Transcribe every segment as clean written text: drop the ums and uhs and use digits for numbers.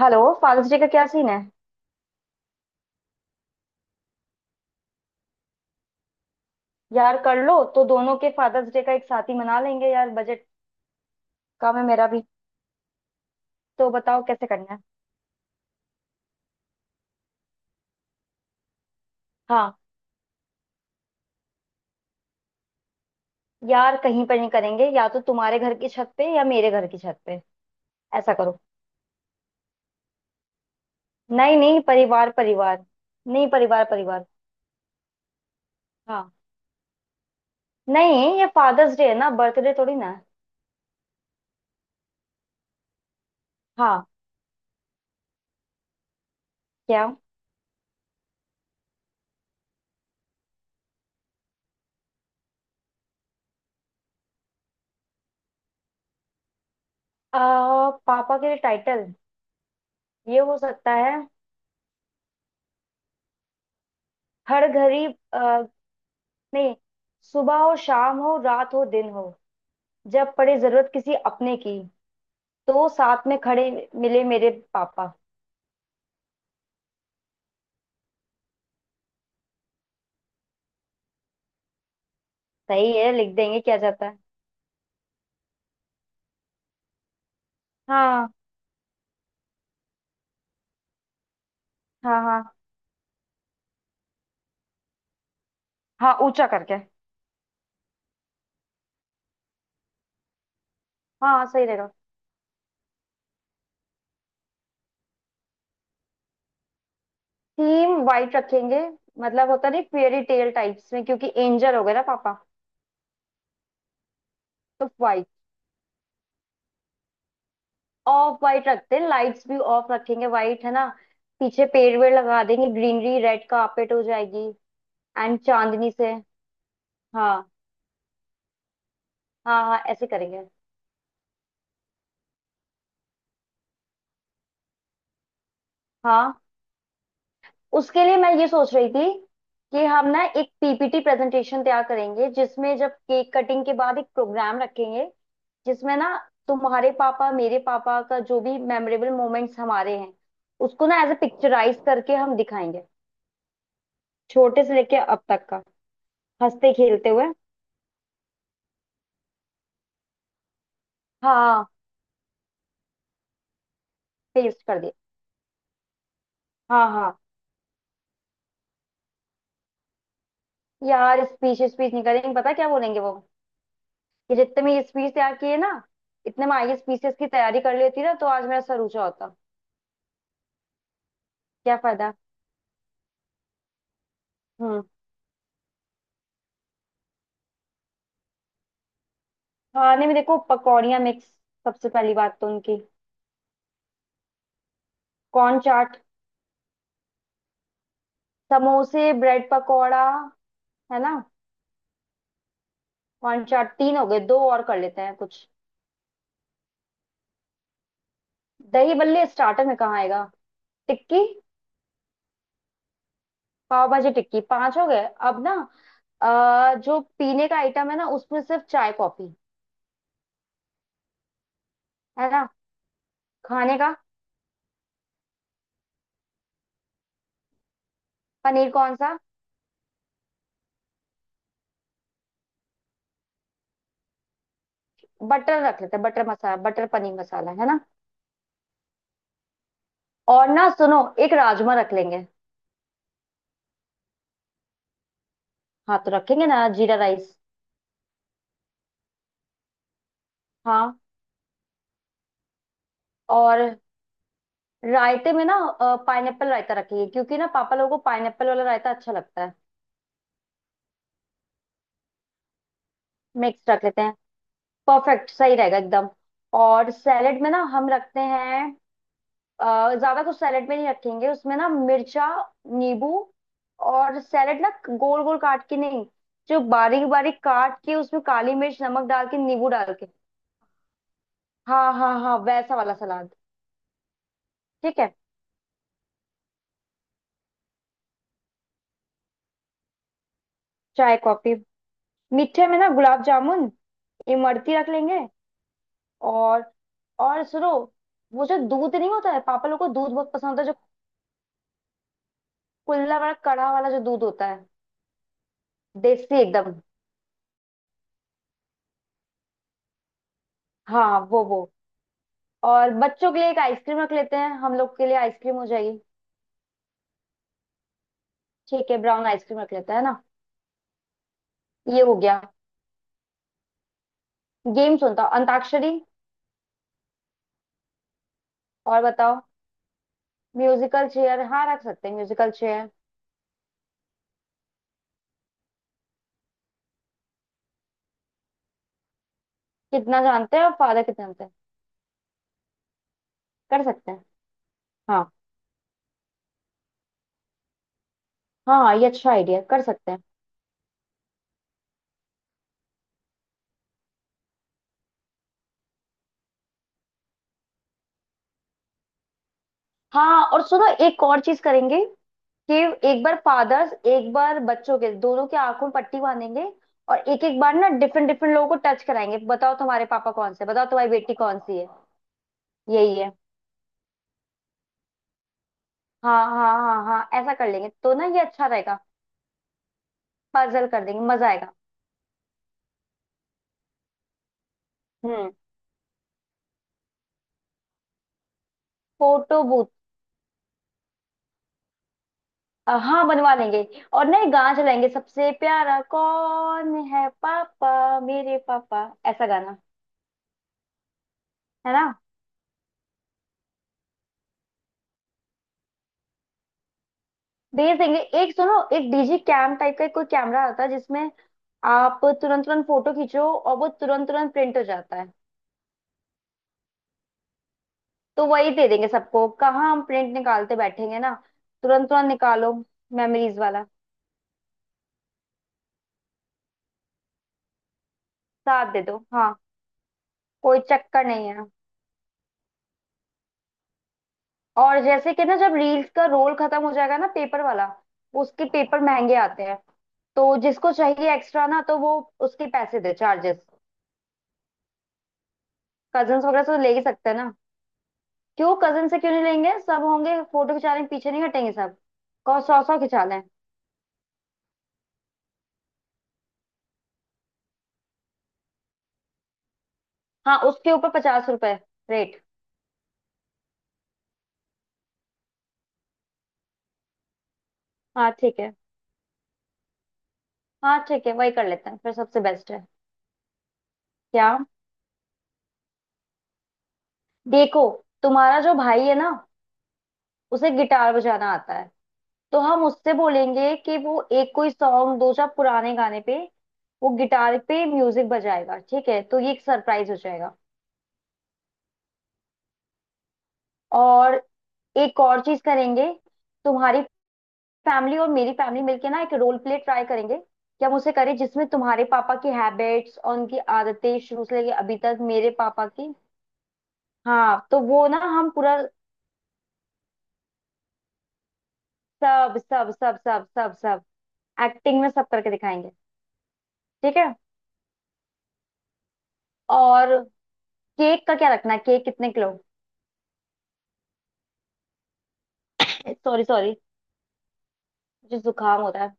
Hello. Father's day का क्या scene है? यार कर लो, तो दोनों के फादर्स डे का एक साथ ही मना लेंगे। यार बजट कम है मेरा भी। तो बताओ कैसे करना है? हाँ। यार कहीं पर नहीं करेंगे, या तो तुम्हारे घर की छत पे या मेरे घर की छत पे। ऐसा करो। नहीं नहीं, परिवार परिवार। नहीं, परिवार परिवार। हाँ। नहीं, ये फादर्स डे है ना, बर्थडे थोड़ी ना है। हाँ। क्या? पापा के लिए टाइटल। ये हो सकता है, हर घड़ी। आ, नहीं। सुबह हो, शाम हो, रात हो, दिन हो, जब पड़े जरूरत किसी अपने की, तो साथ में खड़े मिले मेरे पापा। सही है, लिख देंगे, क्या जाता है। हाँ। हाँ हाँ। हाँ ऊंचा करके। हाँ सही रहेगा। थीम वाइट रखेंगे, मतलब होता नहीं फेयरी टेल टाइप्स में, क्योंकि एंजल हो गए ना पापा। तो वाइट, ऑफ वाइट रखते हैं। लाइट्स भी ऑफ रखेंगे, वाइट है ना। पीछे पेड़ वेड़ लगा देंगे, ग्रीनरी, रेड कार्पेट हो जाएगी। एंड चांदनी से। हाँ हाँ हाँ, ऐसे करेंगे। हाँ। उसके लिए मैं ये सोच रही थी कि हम ना एक पीपीटी प्रेजेंटेशन तैयार करेंगे, जिसमें जब केक कटिंग के बाद एक प्रोग्राम रखेंगे, जिसमें ना तुम्हारे पापा, मेरे पापा का जो भी मेमोरेबल मोमेंट्स हमारे हैं, उसको ना एज ए पिक्चराइज करके हम दिखाएंगे। छोटे से लेके अब तक का, हंसते खेलते हुए। हाँ पेस्ट कर दिए। हाँ हाँ। यार स्पीच स्पीच नहीं करेंगे, पता क्या बोलेंगे वो। कि जितने में ये स्पीच तैयार किए ना, इतने में आगे स्पीचेस की तैयारी कर लेती, ना तो आज मेरा सर ऊंचा होता। क्या फायदा। हम्म। खाने में देखो, पकौड़ियाँ मिक्स सबसे पहली बात तो उनकी। कॉर्न चाट, समोसे, ब्रेड पकौड़ा है ना। कॉर्न चाट, 3 हो गए, 2 और कर लेते हैं कुछ। दही बल्ले स्टार्टर में कहाँ आएगा? टिक्की, पाव भाजी टिक्की, 5 हो गए अब ना। जो पीने का आइटम है ना, उसमें सिर्फ चाय कॉफी, है ना? खाने का, पनीर कौन सा? बटर रख लेते हैं, बटर मसाला, बटर पनीर मसाला, है ना। और ना सुनो, 1 राजमा रख लेंगे। हाँ तो रखेंगे ना, जीरा राइस। हाँ। और रायते में ना, पाइनएप्पल रायता रखिए, क्योंकि ना पापा लोगों को पाइनएप्पल वाला रायता अच्छा लगता है। मिक्स रख लेते हैं, परफेक्ट, सही रहेगा एकदम। और सैलेड में ना हम रखते हैं, ज्यादा कुछ सैलेड में नहीं रखेंगे। उसमें ना मिर्चा, नींबू। और सैलेड ना गोल गोल काट के नहीं, जो बारीक बारीक काट के, उसमें काली मिर्च नमक डाल के, नींबू डाल के। हाँ हाँ हाँ, वैसा वाला सलाद। ठीक है। चाय कॉफी। मीठे में ना गुलाब जामुन, इमरती रख लेंगे। और और सुनो, वो जो दूध नहीं होता है, पापा लोग को दूध बहुत पसंद होता है जो, कुल्ला वाला, कड़ा वाला, जो दूध होता है। देसी एकदम। हाँ वो। और बच्चों के लिए एक आइसक्रीम रख लेते हैं, हम लोग के लिए आइसक्रीम हो जाएगी। ठीक है, ब्राउन आइसक्रीम रख लेते हैं ना। ये हो गया। गेम सुनता हूँ, अंताक्षरी। और बताओ। म्यूजिकल चेयर, हाँ रख सकते हैं म्यूजिकल चेयर। कितना जानते हैं, और फादर कितना जानते हैं। कर सकते हैं। हाँ हाँ हाँ, ये अच्छा आइडिया, कर सकते हैं। हाँ और सुनो एक और चीज करेंगे, कि एक बार फादर्स एक बार बच्चों के, दोनों की आंखों में पट्टी बांधेंगे। और एक एक बार ना डिफरेंट डिफरेंट लोगों को टच कराएंगे, बताओ तुम्हारे पापा कौन से, बताओ तुम्हारी बेटी कौन सी है। यही है। हाँ हाँ हाँ हाँ, ऐसा कर लेंगे तो ना ये अच्छा रहेगा। पजल कर देंगे, मजा आएगा। हम्म। फोटो बूथ, हाँ बनवा लेंगे। और ना ये गाना चलाएंगे, सबसे प्यारा कौन है, पापा मेरे पापा, ऐसा गाना। है। भेज देंगे। एक सुनो, एक डीजी कैम टाइप का कोई कैमरा आता है जिसमें आप तुरंत तुरंत फोटो खींचो और वो तुरंत तुरंत प्रिंट हो जाता है। तो वही दे देंगे सबको, कहाँ हम प्रिंट निकालते बैठेंगे ना। तुरंत तुरंत निकालो। मेमोरीज वाला। साथ दे दो हाँ। कोई चक्कर नहीं है। और जैसे कि ना, जब रील्स का रोल खत्म हो जाएगा ना, पेपर वाला, उसके पेपर महंगे आते हैं, तो जिसको चाहिए एक्स्ट्रा, ना तो वो उसके पैसे दे, चार्जेस। कजन्स वगैरह से तो ले ही सकते हैं ना। क्यों कजन से क्यों नहीं लेंगे, सब होंगे फोटो खिंचाने, पीछे नहीं हटेंगे सब। कौन सौ सौ खिंचा लें। हाँ उसके ऊपर 50 रुपए रेट। हाँ ठीक है। हाँ ठीक है, वही कर लेते हैं फिर, सबसे बेस्ट है। क्या? देखो, तुम्हारा जो भाई है ना, उसे गिटार बजाना आता है। तो हम उससे बोलेंगे कि वो एक कोई सॉन्ग, 2 4 पुराने गाने पे वो गिटार पे म्यूजिक बजाएगा। ठीक है, तो ये एक सरप्राइज हो जाएगा। और एक और चीज करेंगे, तुम्हारी फैमिली और मेरी फैमिली मिलके ना एक रोल प्ले ट्राई करेंगे, कि हम उसे करें जिसमें तुम्हारे पापा की हैबिट्स और उनकी आदतें शुरू से लेके अभी तक, मेरे पापा की। हाँ तो वो ना हम पूरा, सब सब सब सब सब सब, एक्टिंग में सब करके दिखाएंगे। ठीक है। और केक का क्या रखना है, केक कितने किलो? सॉरी सॉरी, मुझे जुकाम हो रहा है।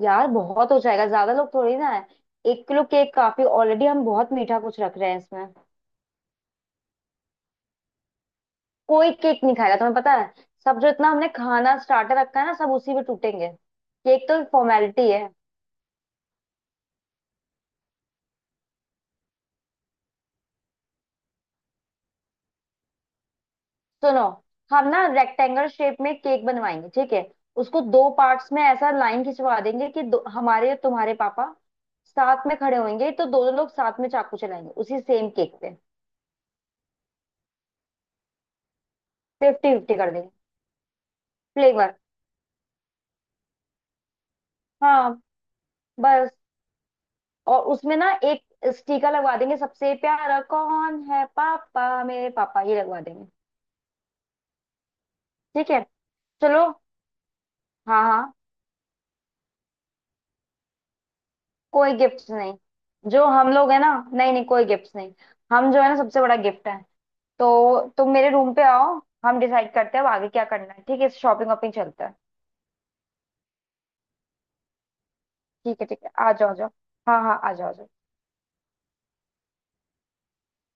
यार बहुत हो जाएगा, ज्यादा लोग थोड़ी ना है। 1 किलो केक काफी, ऑलरेडी हम बहुत मीठा कुछ रख रहे हैं इसमें। कोई केक नहीं खाएगा, तुम्हें पता है। सब, जो इतना हमने खाना स्टार्टर रखा है ना, सब उसी पे टूटेंगे। केक तो फॉर्मेलिटी है। सुनो, हम ना रेक्टेंगल शेप में केक बनवाएंगे, ठीक है। उसको 2 पार्ट्स में ऐसा लाइन खिंचवा देंगे, कि दो, हमारे और तुम्हारे पापा साथ में खड़े होंगे, तो दोनों लोग साथ में चाकू चलाएंगे उसी सेम केक पे। फिफ्टी फिफ्टी कर देंगे। फ्लेवर। हाँ। बस। और उसमें ना एक स्टिकर लगवा देंगे, सबसे प्यारा कौन है, पापा मेरे पापा, ये लगवा देंगे। ठीक है, चलो। हाँ हाँ। कोई गिफ्ट नहीं। जो हम लोग है ना, नहीं नहीं, कोई गिफ्ट नहीं। हम जो है ना, सबसे बड़ा गिफ्ट है। तो तुम मेरे रूम पे आओ, हम डिसाइड करते हैं अब आगे क्या करना है। ठीक है, शॉपिंग वॉपिंग चलता है। ठीक है ठीक है, आ जाओ आ जाओ। हाँ हाँ आ जाओ आ जाओ।